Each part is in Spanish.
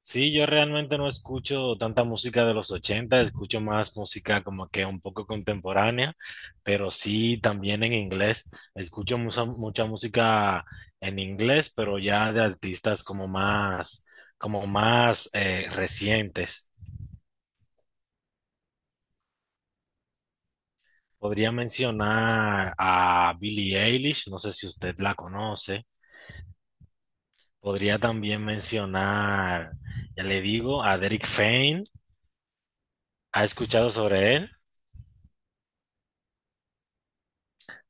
Sí, yo realmente no escucho tanta música de los 80. Escucho más música como que un poco contemporánea, pero sí también en inglés. Escucho mucha, mucha música en inglés, pero ya de artistas como más recientes. Podría mencionar a Billie Eilish, no sé si usted la conoce. Podría también mencionar, ya le digo, a Derek Fain. ¿Ha escuchado sobre él?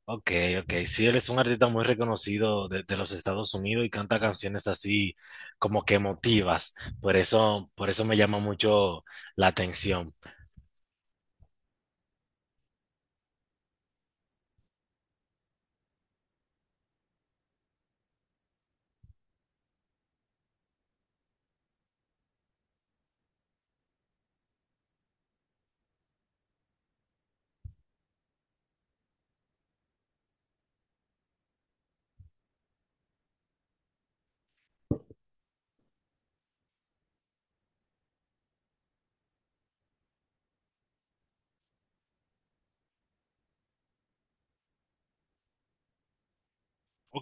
Ok, ok. Sí, él es un artista muy reconocido de los Estados Unidos y canta canciones así como que emotivas. Por eso me llama mucho la atención. O-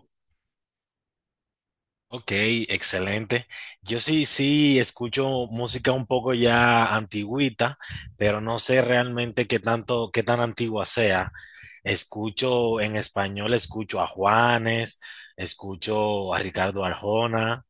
Ok, excelente. Yo sí, sí escucho música un poco ya antigüita, pero no sé realmente qué tanto, qué tan antigua sea. Escucho en español, escucho a Juanes, escucho a Ricardo Arjona.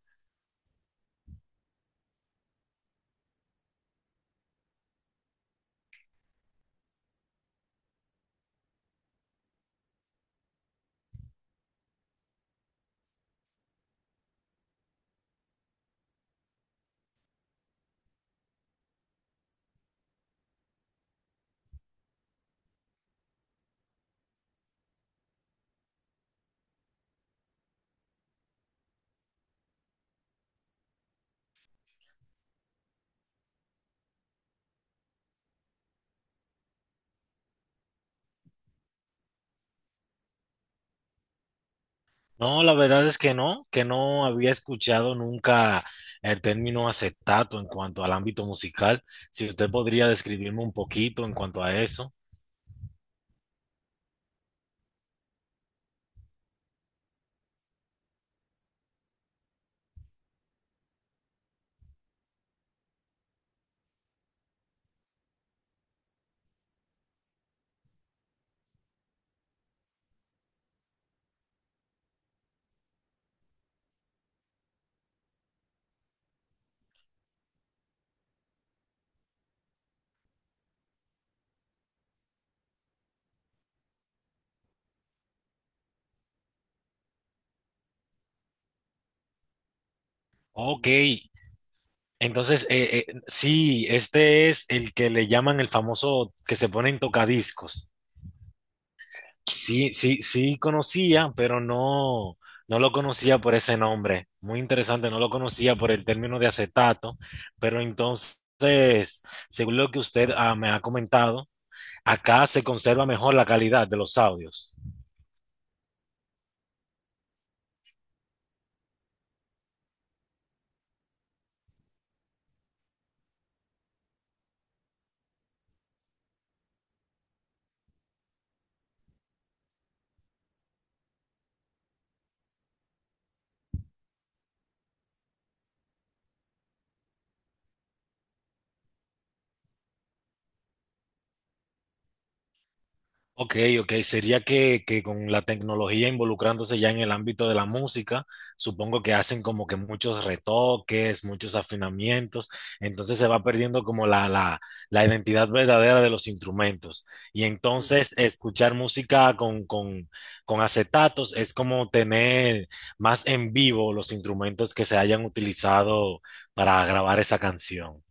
No, la verdad es que no había escuchado nunca el término acetato en cuanto al ámbito musical. Si usted podría describirme un poquito en cuanto a eso. Ok, entonces sí, este es el que le llaman el famoso que se pone en tocadiscos. Sí, sí, sí conocía, pero no, no lo conocía por ese nombre. Muy interesante, no lo conocía por el término de acetato, pero entonces, según lo que usted me ha comentado, acá se conserva mejor la calidad de los audios. Ok, ok, sería que con la tecnología involucrándose ya en el ámbito de la música, supongo que hacen como que muchos retoques, muchos afinamientos, entonces se va perdiendo como la identidad verdadera de los instrumentos. Y entonces escuchar música con acetatos es como tener más en vivo los instrumentos que se hayan utilizado para grabar esa canción.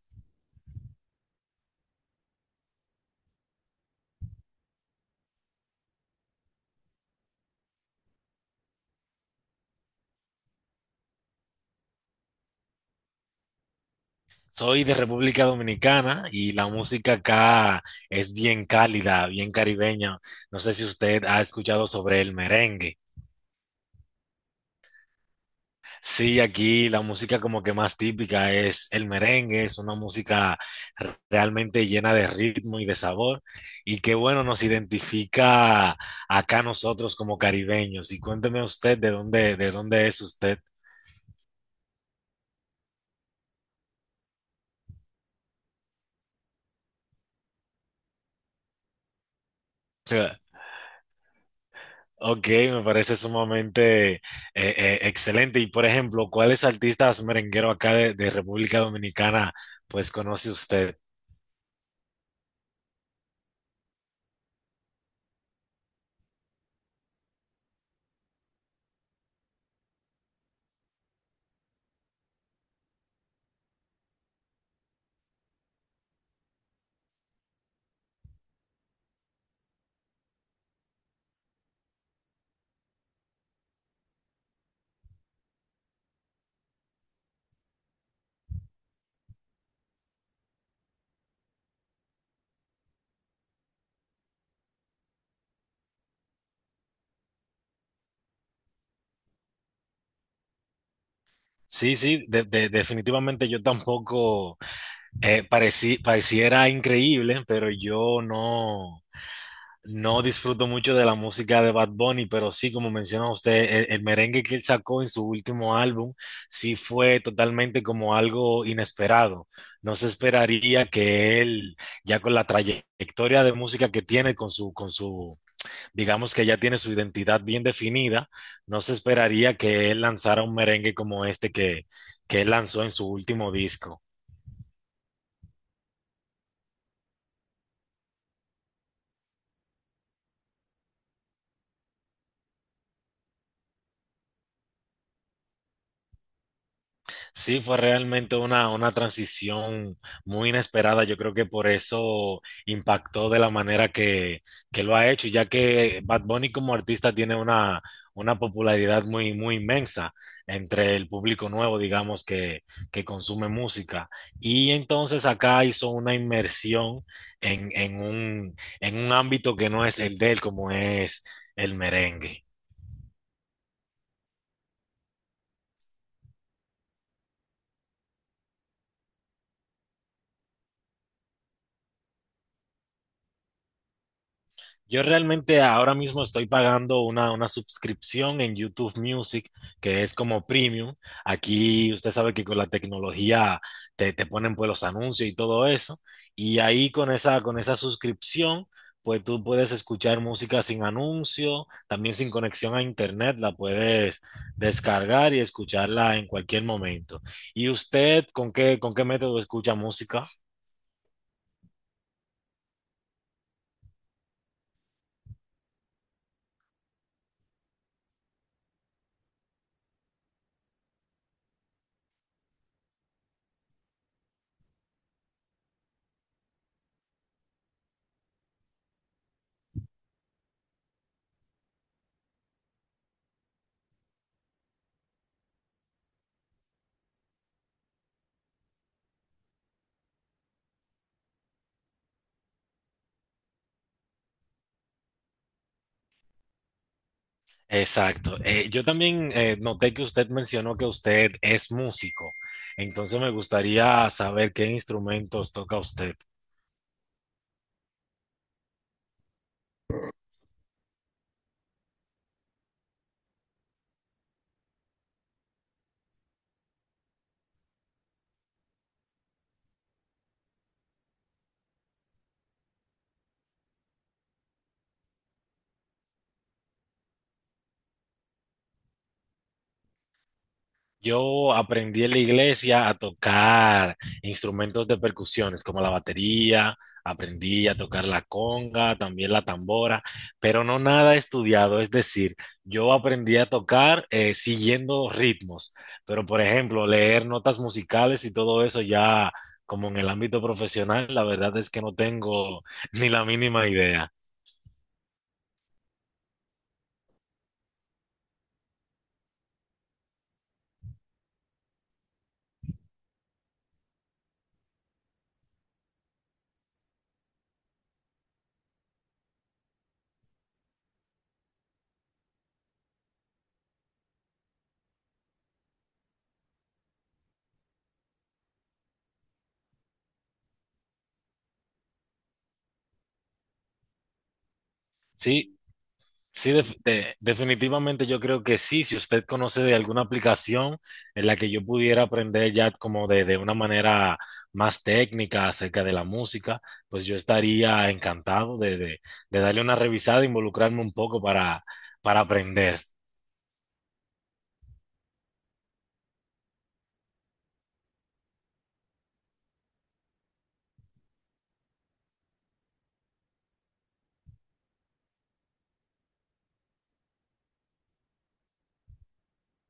Soy de República Dominicana y la música acá es bien cálida, bien caribeña. No sé si usted ha escuchado sobre el merengue. Sí, aquí la música como que más típica es el merengue, es una música realmente llena de ritmo y de sabor y que bueno, nos identifica acá nosotros como caribeños. Y cuénteme usted de dónde es usted. Ok, me parece sumamente excelente. Y por ejemplo, ¿cuáles artistas merengueros acá de República Dominicana pues conoce usted? Sí, sí, definitivamente yo tampoco pareciera increíble, pero yo no. No disfruto mucho de la música de Bad Bunny, pero sí, como menciona usted, el merengue que él sacó en su último álbum sí fue totalmente como algo inesperado. No se esperaría que él, ya con la trayectoria de música que tiene, digamos que ya tiene su identidad bien definida, no se esperaría que él lanzara un merengue como este que él lanzó en su último disco. Sí, fue realmente una transición muy inesperada. Yo creo que por eso impactó de la manera que lo ha hecho, ya que Bad Bunny como artista tiene una popularidad muy, muy inmensa entre el público nuevo, digamos, que consume música. Y entonces acá hizo una inmersión en un ámbito que no es el de él, como es el merengue. Yo realmente ahora mismo estoy pagando una suscripción en YouTube Music, que es como premium. Aquí usted sabe que con la tecnología te ponen pues los anuncios y todo eso. Y ahí con esa suscripción, pues tú puedes escuchar música sin anuncio, también sin conexión a internet, la puedes descargar y escucharla en cualquier momento. ¿Y usted con qué método escucha música? Exacto. Yo también noté que usted mencionó que usted es músico. Entonces me gustaría saber qué instrumentos toca usted. Yo aprendí en la iglesia a tocar instrumentos de percusiones como la batería, aprendí a tocar la conga, también la tambora, pero no nada estudiado, es decir, yo aprendí a tocar siguiendo ritmos, pero por ejemplo, leer notas musicales y todo eso ya como en el ámbito profesional, la verdad es que no tengo ni la mínima idea. Sí, sí, definitivamente yo creo que sí. Si usted conoce de alguna aplicación en la que yo pudiera aprender ya como de una manera más técnica acerca de la música, pues yo estaría encantado de darle una revisada e involucrarme un poco para aprender.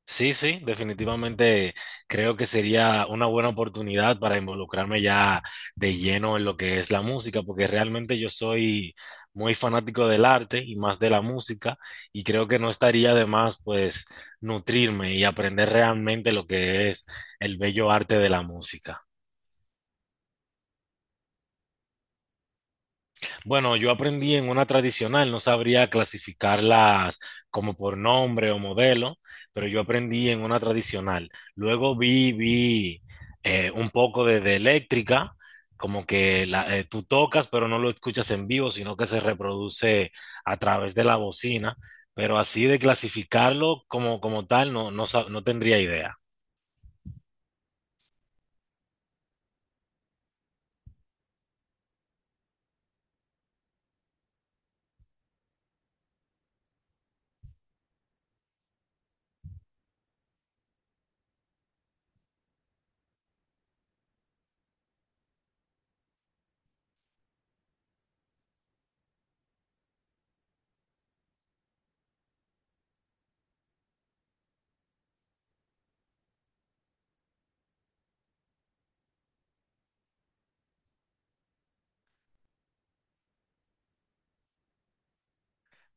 Sí, sí, definitivamente creo que sería una buena oportunidad para involucrarme ya de lleno en lo que es la música, porque realmente yo soy muy fanático del arte y más de la música, y creo que no estaría de más pues nutrirme y aprender realmente lo que es el bello arte de la música. Bueno, yo aprendí en una tradicional, no sabría clasificarlas como por nombre o modelo, pero yo aprendí en una tradicional. Luego vi un poco de eléctrica, como que tú tocas, pero no lo escuchas en vivo, sino que se reproduce a través de la bocina, pero así de clasificarlo como, como tal, no, no, no tendría idea.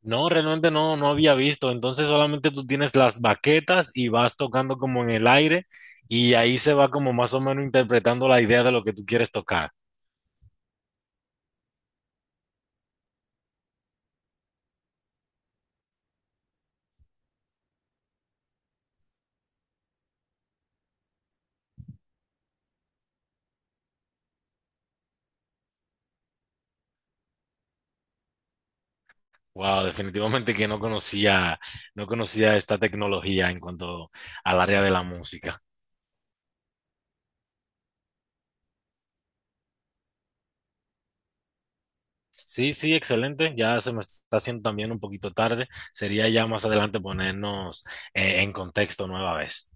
No, realmente no, no había visto. Entonces solamente tú tienes las baquetas y vas tocando como en el aire y ahí se va como más o menos interpretando la idea de lo que tú quieres tocar. Wow, definitivamente que no conocía, no conocía esta tecnología en cuanto al área de la música. Sí, sí, excelente. Ya se me está haciendo también un poquito tarde. Sería ya más adelante ponernos en contexto nueva vez.